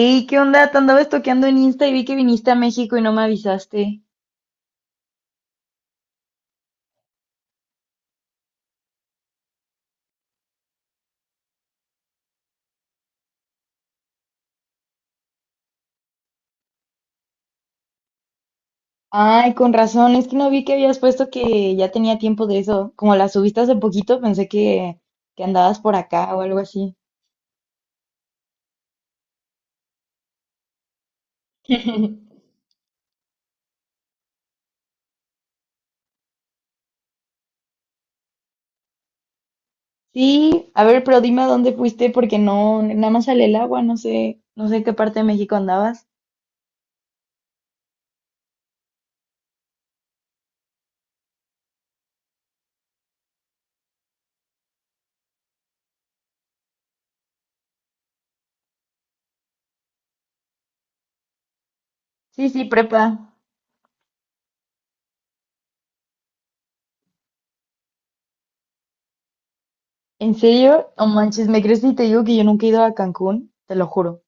Ey, ¿qué onda? Te andaba estoqueando en Insta y vi que viniste a México y no me avisaste. Ay, con razón, es que no vi que habías puesto que ya tenía tiempo de eso. Como la subiste hace poquito, pensé que andabas por acá o algo así. Sí, a ver, pero dime a dónde fuiste porque no, nada más sale el agua, no sé en qué parte de México andabas. Sí, sí, prepa. ¿En serio? No manches, ¿me crees si te digo que yo nunca he ido a Cancún? Te lo juro.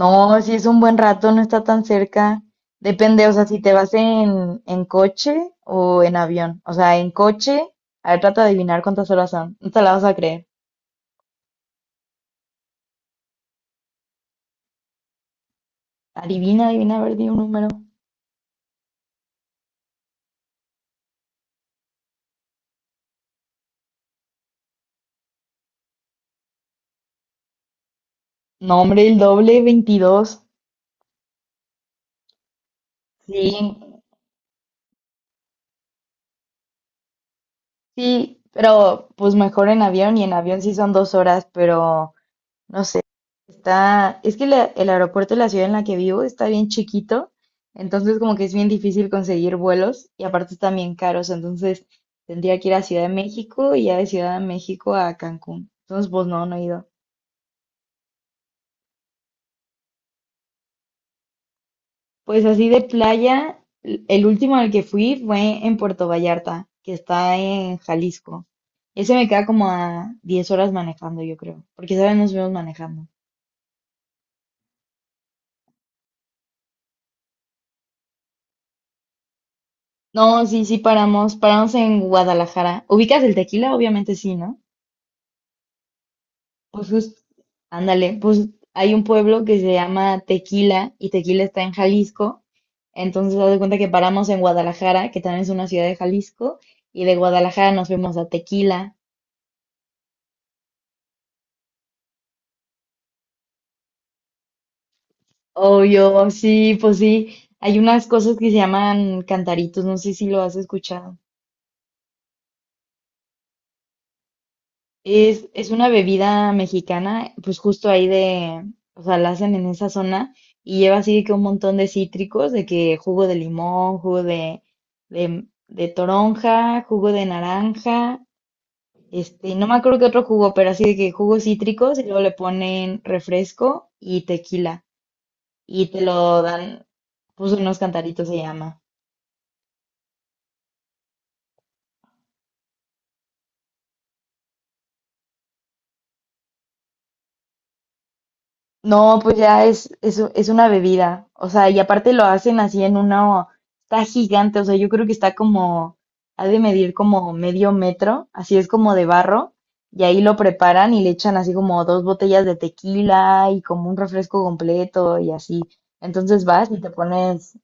No, si es un buen rato, no está tan cerca. Depende, o sea, si te vas en coche o en avión. O sea, en coche, a ver, trata de adivinar cuántas horas son. No te la vas a creer. Adivina, adivina, a ver, di un número. No, hombre, el doble, 22. Sí, sí, pero pues mejor en avión y en avión sí son 2 horas, pero no sé, está, es que el aeropuerto de la ciudad en la que vivo está bien chiquito, entonces como que es bien difícil conseguir vuelos y aparte están bien caros, entonces tendría que ir a Ciudad de México y ya de Ciudad de México a Cancún. Entonces, pues no, no he ido. Pues así de playa, el último al que fui fue en Puerto Vallarta, que está en Jalisco. Ese me queda como a 10 horas manejando, yo creo, porque esa vez nos fuimos manejando. No, sí, sí, paramos en Guadalajara. ¿Ubicas el tequila? Obviamente sí, ¿no? Pues justo, ándale, pues hay un pueblo que se llama Tequila y Tequila está en Jalisco. Entonces, haz de cuenta que paramos en Guadalajara, que también es una ciudad de Jalisco, y de Guadalajara nos fuimos a Tequila. Obvio, sí, pues sí, hay unas cosas que se llaman cantaritos, no sé si lo has escuchado. Es una bebida mexicana, pues justo ahí de, o sea, la hacen en esa zona y lleva así que un montón de cítricos, de que jugo de limón, jugo de toronja, jugo de naranja, este, no me acuerdo qué otro jugo, pero así de que jugos cítricos y luego le ponen refresco y tequila y te lo dan, pues unos cantaritos se llama. No, pues ya es una bebida. O sea, y aparte lo hacen así en una. Está gigante, o sea, yo creo que está como. Ha de medir como medio metro, así es como de barro. Y ahí lo preparan y le echan así como dos botellas de tequila y como un refresco completo y así. Entonces vas y te pones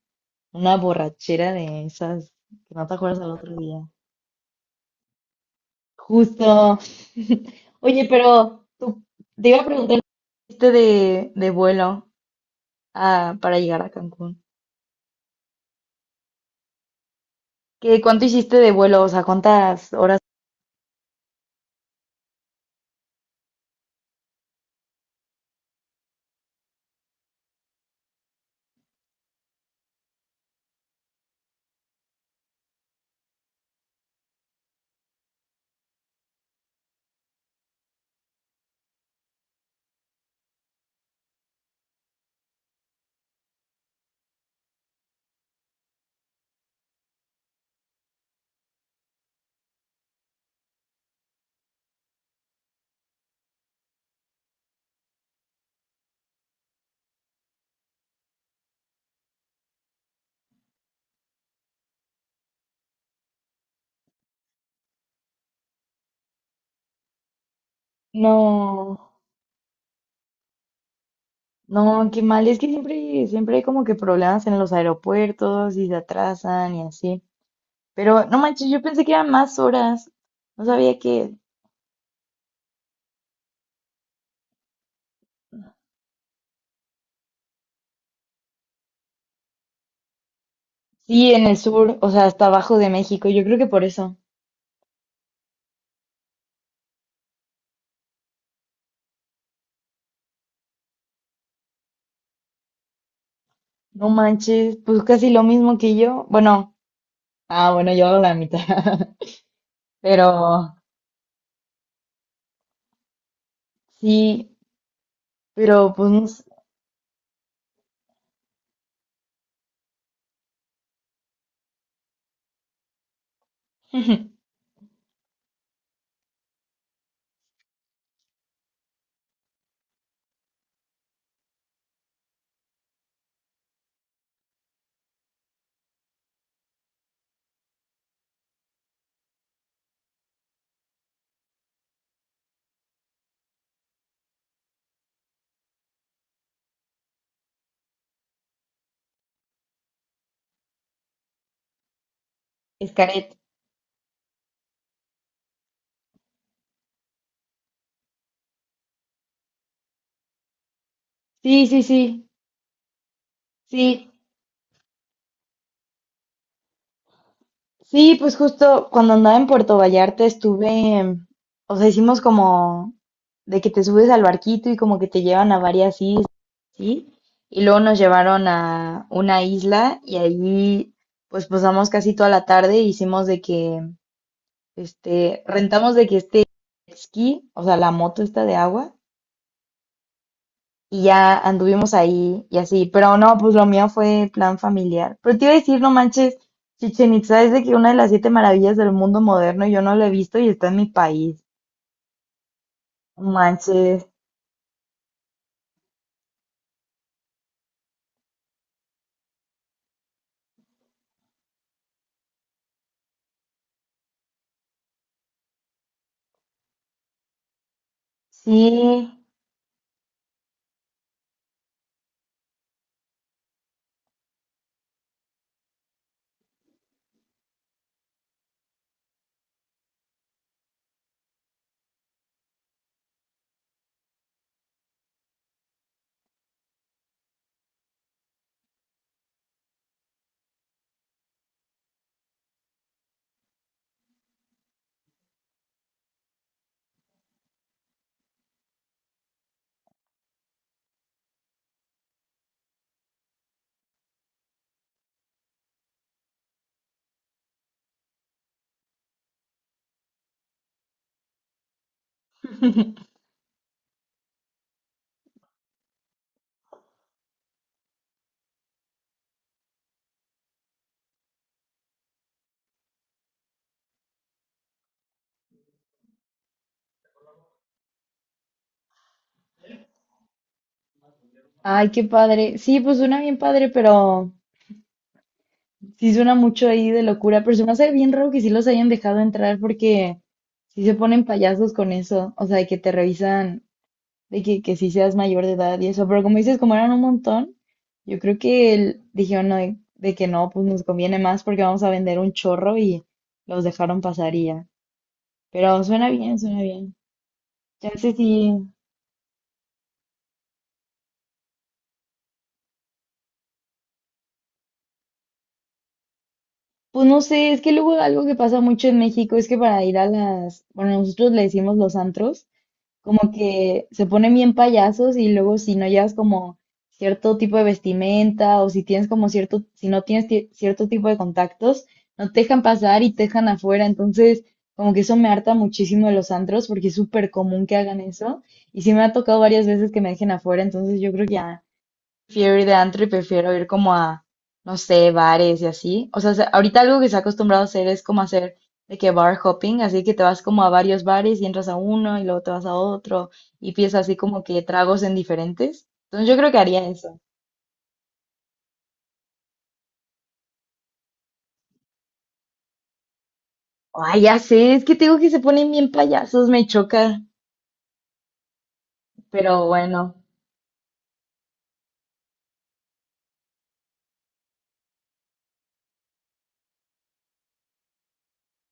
una borrachera de esas que no te acuerdas al otro día. Justo. Oye, pero tú, te iba a preguntar este de vuelo ah, para llegar a Cancún. ¿Qué, cuánto hiciste de vuelo? O sea, ¿cuántas horas? No, no, qué mal. Es que siempre hay como que problemas en los aeropuertos y se atrasan y así. Pero no manches, yo pensé que eran más horas. No sabía que... Sí, en el sur, o sea, hasta abajo de México. Yo creo que por eso. No manches, pues casi lo mismo que yo. Bueno, ah, bueno, yo hago la mitad. Pero sí, pero pues no sé. Escaret. Sí, sí, sí. Sí, sí, pues justo cuando andaba en Puerto Vallarta estuve, o sea, hicimos como de que te subes al barquito y como que te llevan a varias islas, ¿sí? Y luego nos llevaron a una isla y ahí pues pasamos casi toda la tarde, e hicimos de que, este, rentamos de que este jet ski, o sea, la moto esta de agua, y ya anduvimos ahí y así, pero no, pues lo mío fue plan familiar. Pero te iba a decir, no manches, Chichen Itza es de que una de las siete maravillas del mundo moderno, yo no lo he visto y está en mi país. No manches, sí, ay, qué padre. Sí, pues suena bien padre, pero sí suena mucho ahí de locura, pero se me hace bien raro que sí los hayan dejado entrar porque sí se ponen payasos con eso, o sea, de que te revisan. De que si seas mayor de edad y eso, pero como dices, como eran un montón, yo creo que el- dijeron no, de que no, pues nos conviene más porque vamos a vender un chorro y los dejaron pasar y ya. Pero suena bien, suena bien. Ya sé si, pues no sé, es que luego algo que pasa mucho en México es que para ir a las, bueno, nosotros le decimos los antros, como que se ponen bien payasos y luego si no llevas como cierto tipo de vestimenta o si tienes como cierto, si no tienes cierto tipo de contactos, no te dejan pasar y te dejan afuera. Entonces, como que eso me harta muchísimo de los antros porque es súper común que hagan eso. Y sí me ha tocado varias veces que me dejen afuera, entonces yo creo que ya prefiero ir de antro y prefiero ir como a, no sé, bares y así. O sea, se- ahorita algo que se ha acostumbrado a hacer es como hacer de que bar hopping, así que te vas como a varios bares y entras a uno y luego te vas a otro y pides así como que tragos en diferentes. Entonces yo creo que haría eso. Ay, ya sé, es que te digo que se ponen bien payasos, me choca, pero bueno.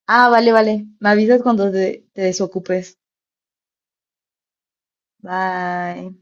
Ah, vale, vale. Me avisas cuando te desocupes. Bye.